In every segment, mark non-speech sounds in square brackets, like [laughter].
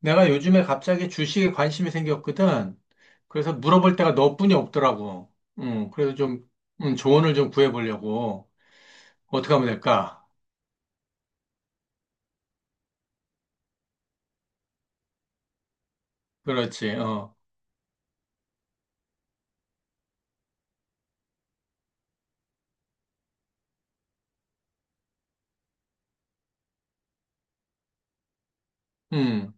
내가 요즘에 갑자기 주식에 관심이 생겼거든. 그래서 물어볼 때가 너뿐이 없더라고. 그래서 좀, 조언을 좀 구해보려고. 어떻게 하면 될까? 그렇지, 어. 음,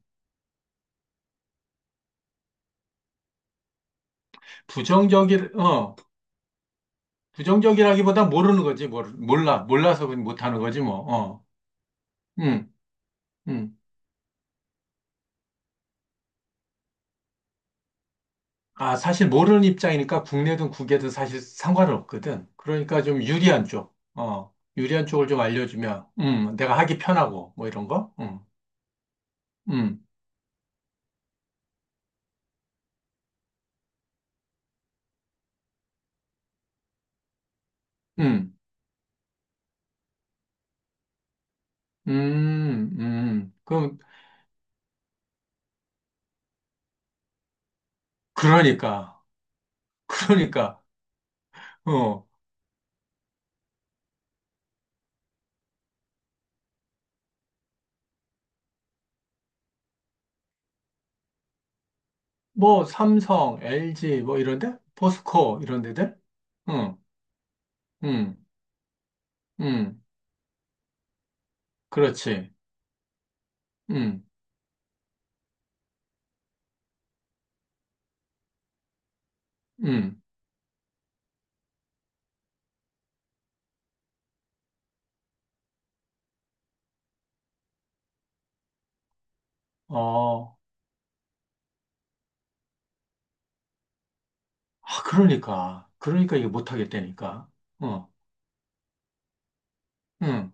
부정적이, 어, 부정적이라기보다 모르는 거지. 몰라. 몰라서 그냥 못하는 거지, 뭐. 어, 음, 음. 아, 사실 모르는 입장이니까 국내든 국외든 사실 상관은 없거든. 그러니까 좀 유리한 유리한 쪽을 좀 알려주면, 내가 하기 편하고, 뭐 이런 거? 음, 음. 그럼, 그러니까, [laughs] 그러니까, 어, 뭐, 삼성, LG, 뭐, 이런데? 포스코, 이런 데들? 응, 응, 응, 그렇지. 응, 응, 어, 아, 그러니까. 그러니까 이게 못하겠다니까. 어, 응,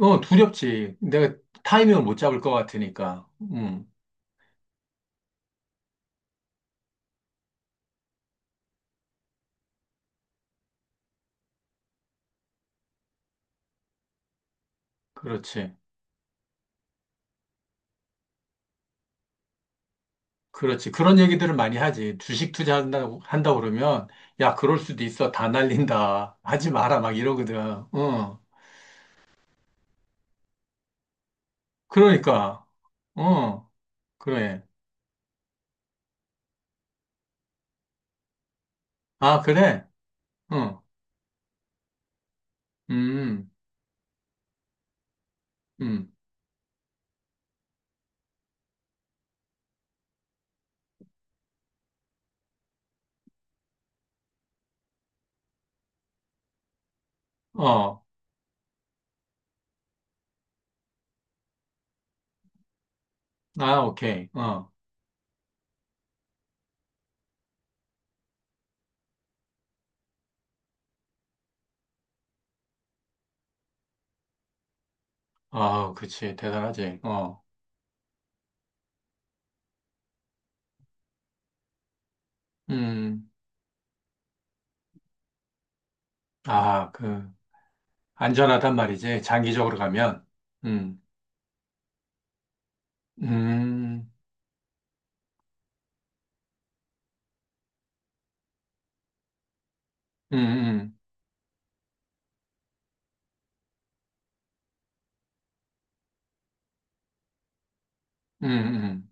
어, 두렵지. 내가 타이밍을 못 잡을 것 같으니까. 응, 그렇지. 그렇지. 그런 얘기들을 많이 하지. 주식 투자한다고, 한다 그러면, 야, 그럴 수도 있어. 다 날린다. 하지 마라. 막 이러거든. 응. 그러니까. 응. 그래. 아, 그래? 응. 음, 음. 어. 아, 오케이. 어. 아, 그렇지. 대단하지. 어. 음. 아, 그, 안전하단 말이지. 장기적으로 가면. 음. 음. 음. 음. 음. 음.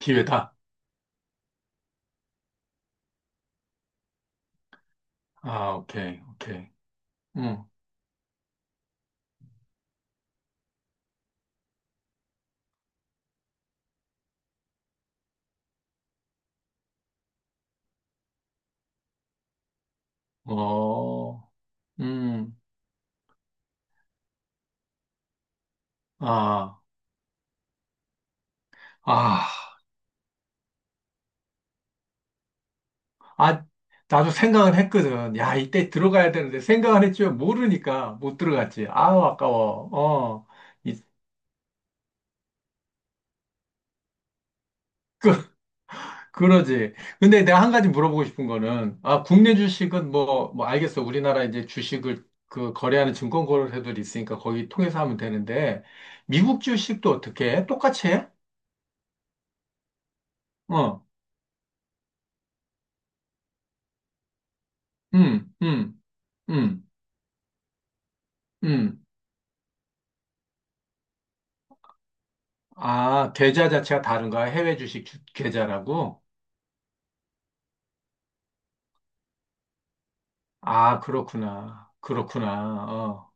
기회다. 아, 오케이. 오케이. 응. 어. 음, 아, 아, 아, 나도 생각은 했거든. 야, 이때 들어가야 되는데 생각은 했지만 모르니까 못 들어갔지. 아우, 아까워. 어, 이- 그러지. 근데 내가 한 가지 물어보고 싶은 거는, 아, 국내 주식은 뭐, 뭐 알겠어. 우리나라 이제 주식을 그 거래하는 증권 거래소들이 있으니까 거기 통해서 하면 되는데, 미국 주식도 어떻게 해? 똑같이 해? 어, 음, 음, 음, 음. 아, 계좌 자체가 다른가? 해외 주식 계좌라고? 아, 그렇구나. 그렇구나. 어.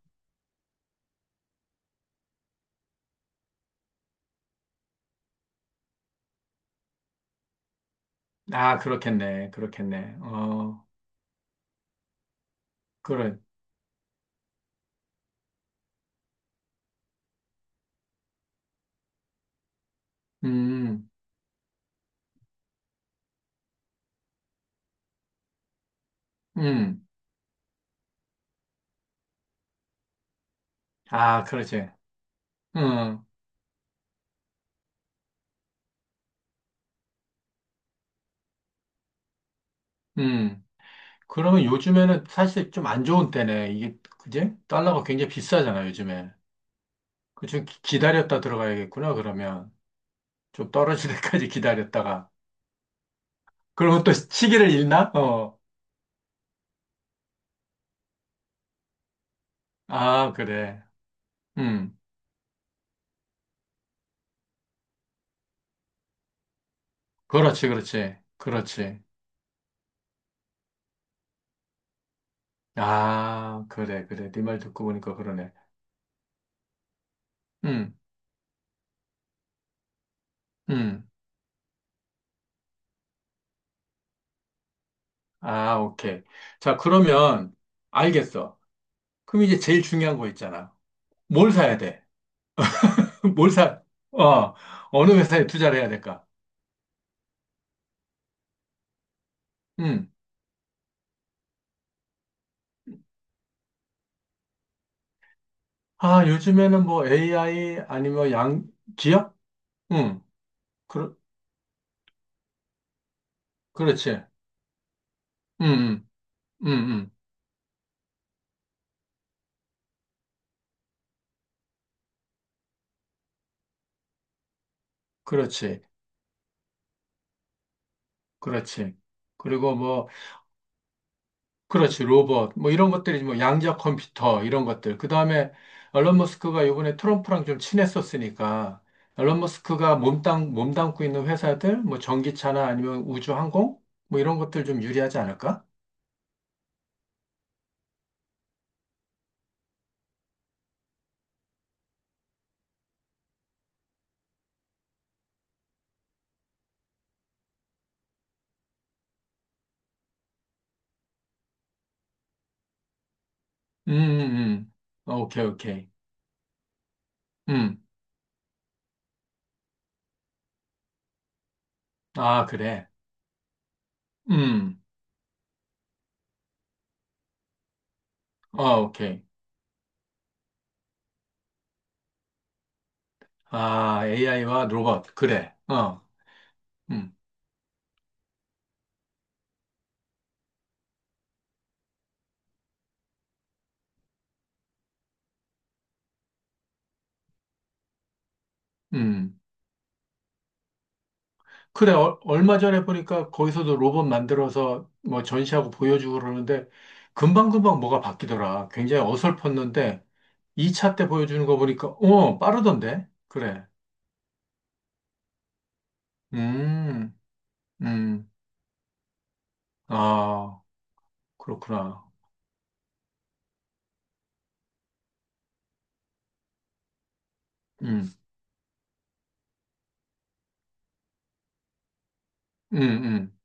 아, 그렇겠네. 그렇겠네. 어, 그래. 음, 음. 아, 그렇지. 음, 음. 그러면 요즘에는 사실 좀 안 좋은 때네. 이게, 그지? 달러가 굉장히 비싸잖아, 요즘에. 그좀 기다렸다 들어가야겠구나, 그러면. 좀 떨어질 때까지 [laughs] 기다렸다가. 그러면 또 시기를 잃나? 어. 아, 그래. 음. 그렇지, 그렇지. 그렇지. 아, 그래, 그래. 네 말 듣고 보니까 그러네. 음. 음. 아, 오케이. 자, 그러면 알겠어. 그럼 이제 제일 중요한 거 있잖아. 뭘 사야 돼? [laughs] 뭘 사? 어, 어느 회사에 투자를 해야 될까? 음. 아, 요즘에는 뭐 AI 아니면 뭐 양 기업? 응. 그, 그렇지. 응, 응, 응, 응. 그렇지. 그렇지. 그리고 뭐 그렇지, 로봇. 뭐 이런 것들이 뭐 양자 컴퓨터 이런 것들. 그다음에 앨런 머스크가 이번에 트럼프랑 좀 친했었으니까 앨런 머스크가 몸담고 있는 회사들 뭐 전기차나 아니면 우주항공 뭐 이런 것들 좀 유리하지 않을까? 음, 음, 음. 아, 오케이, 오케이. 음. 아, 그래. 음. 어, 오케이. 아, AI와 로봇. 그래. 어. 음. 음. 그래, 얼마 전에 보니까 거기서도 로봇 만들어서 뭐 전시하고 보여주고 그러는데 금방금방 뭐가 바뀌더라. 굉장히 어설펐는데 2차 때 보여주는 거 보니까, 어, 빠르던데? 그래. 음, 음, 아, 그렇구나. 음, 음, 음.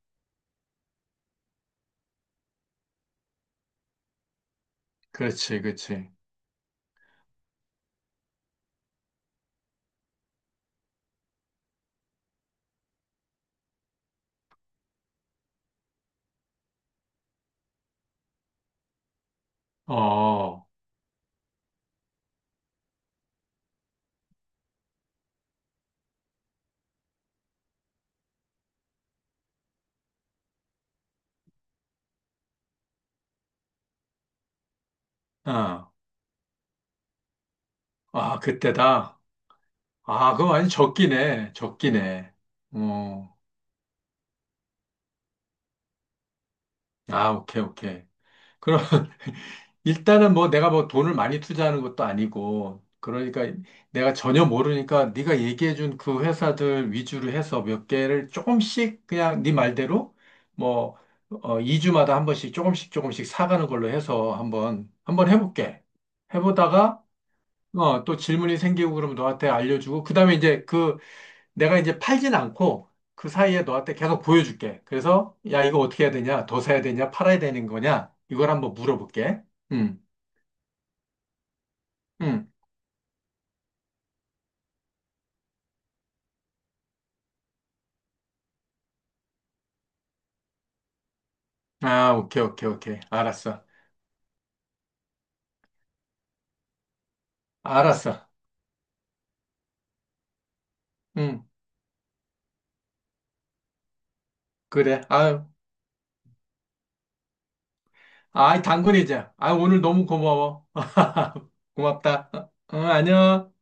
그렇지, 그렇지. 어, 아, 아, 그때다. 아, 그거 완전 적기네. 적기네. 어, 아, 오케이, 오케이. 그럼, 일단은 뭐 내가 뭐 돈을 많이 투자하는 것도 아니고 그러니까 내가 전혀 모르니까 네가 얘기해준 그 회사들 위주로 해서 몇 개를 조금씩 그냥 네 말대로 뭐 어, 2주마다 한 번씩 조금씩 조금씩 사가는 걸로 해서 한번 한번 해볼게. 해보다가 어, 또 질문이 생기고 그러면 너한테 알려주고 그다음에 이제 그 내가 이제 팔진 않고 그 사이에 너한테 계속 보여줄게. 그래서 야 이거 어떻게 해야 되냐? 더 사야 되냐? 팔아야 되는 거냐? 이걸 한번 물어볼게. 음. 음. 아, 오케이, 오케이, 오케이. 알았어. 알았어. 응, 그래. 아유, 아이, 당근이자. 아, 오늘 너무 고마워. [laughs] 고맙다. 응, 안녕.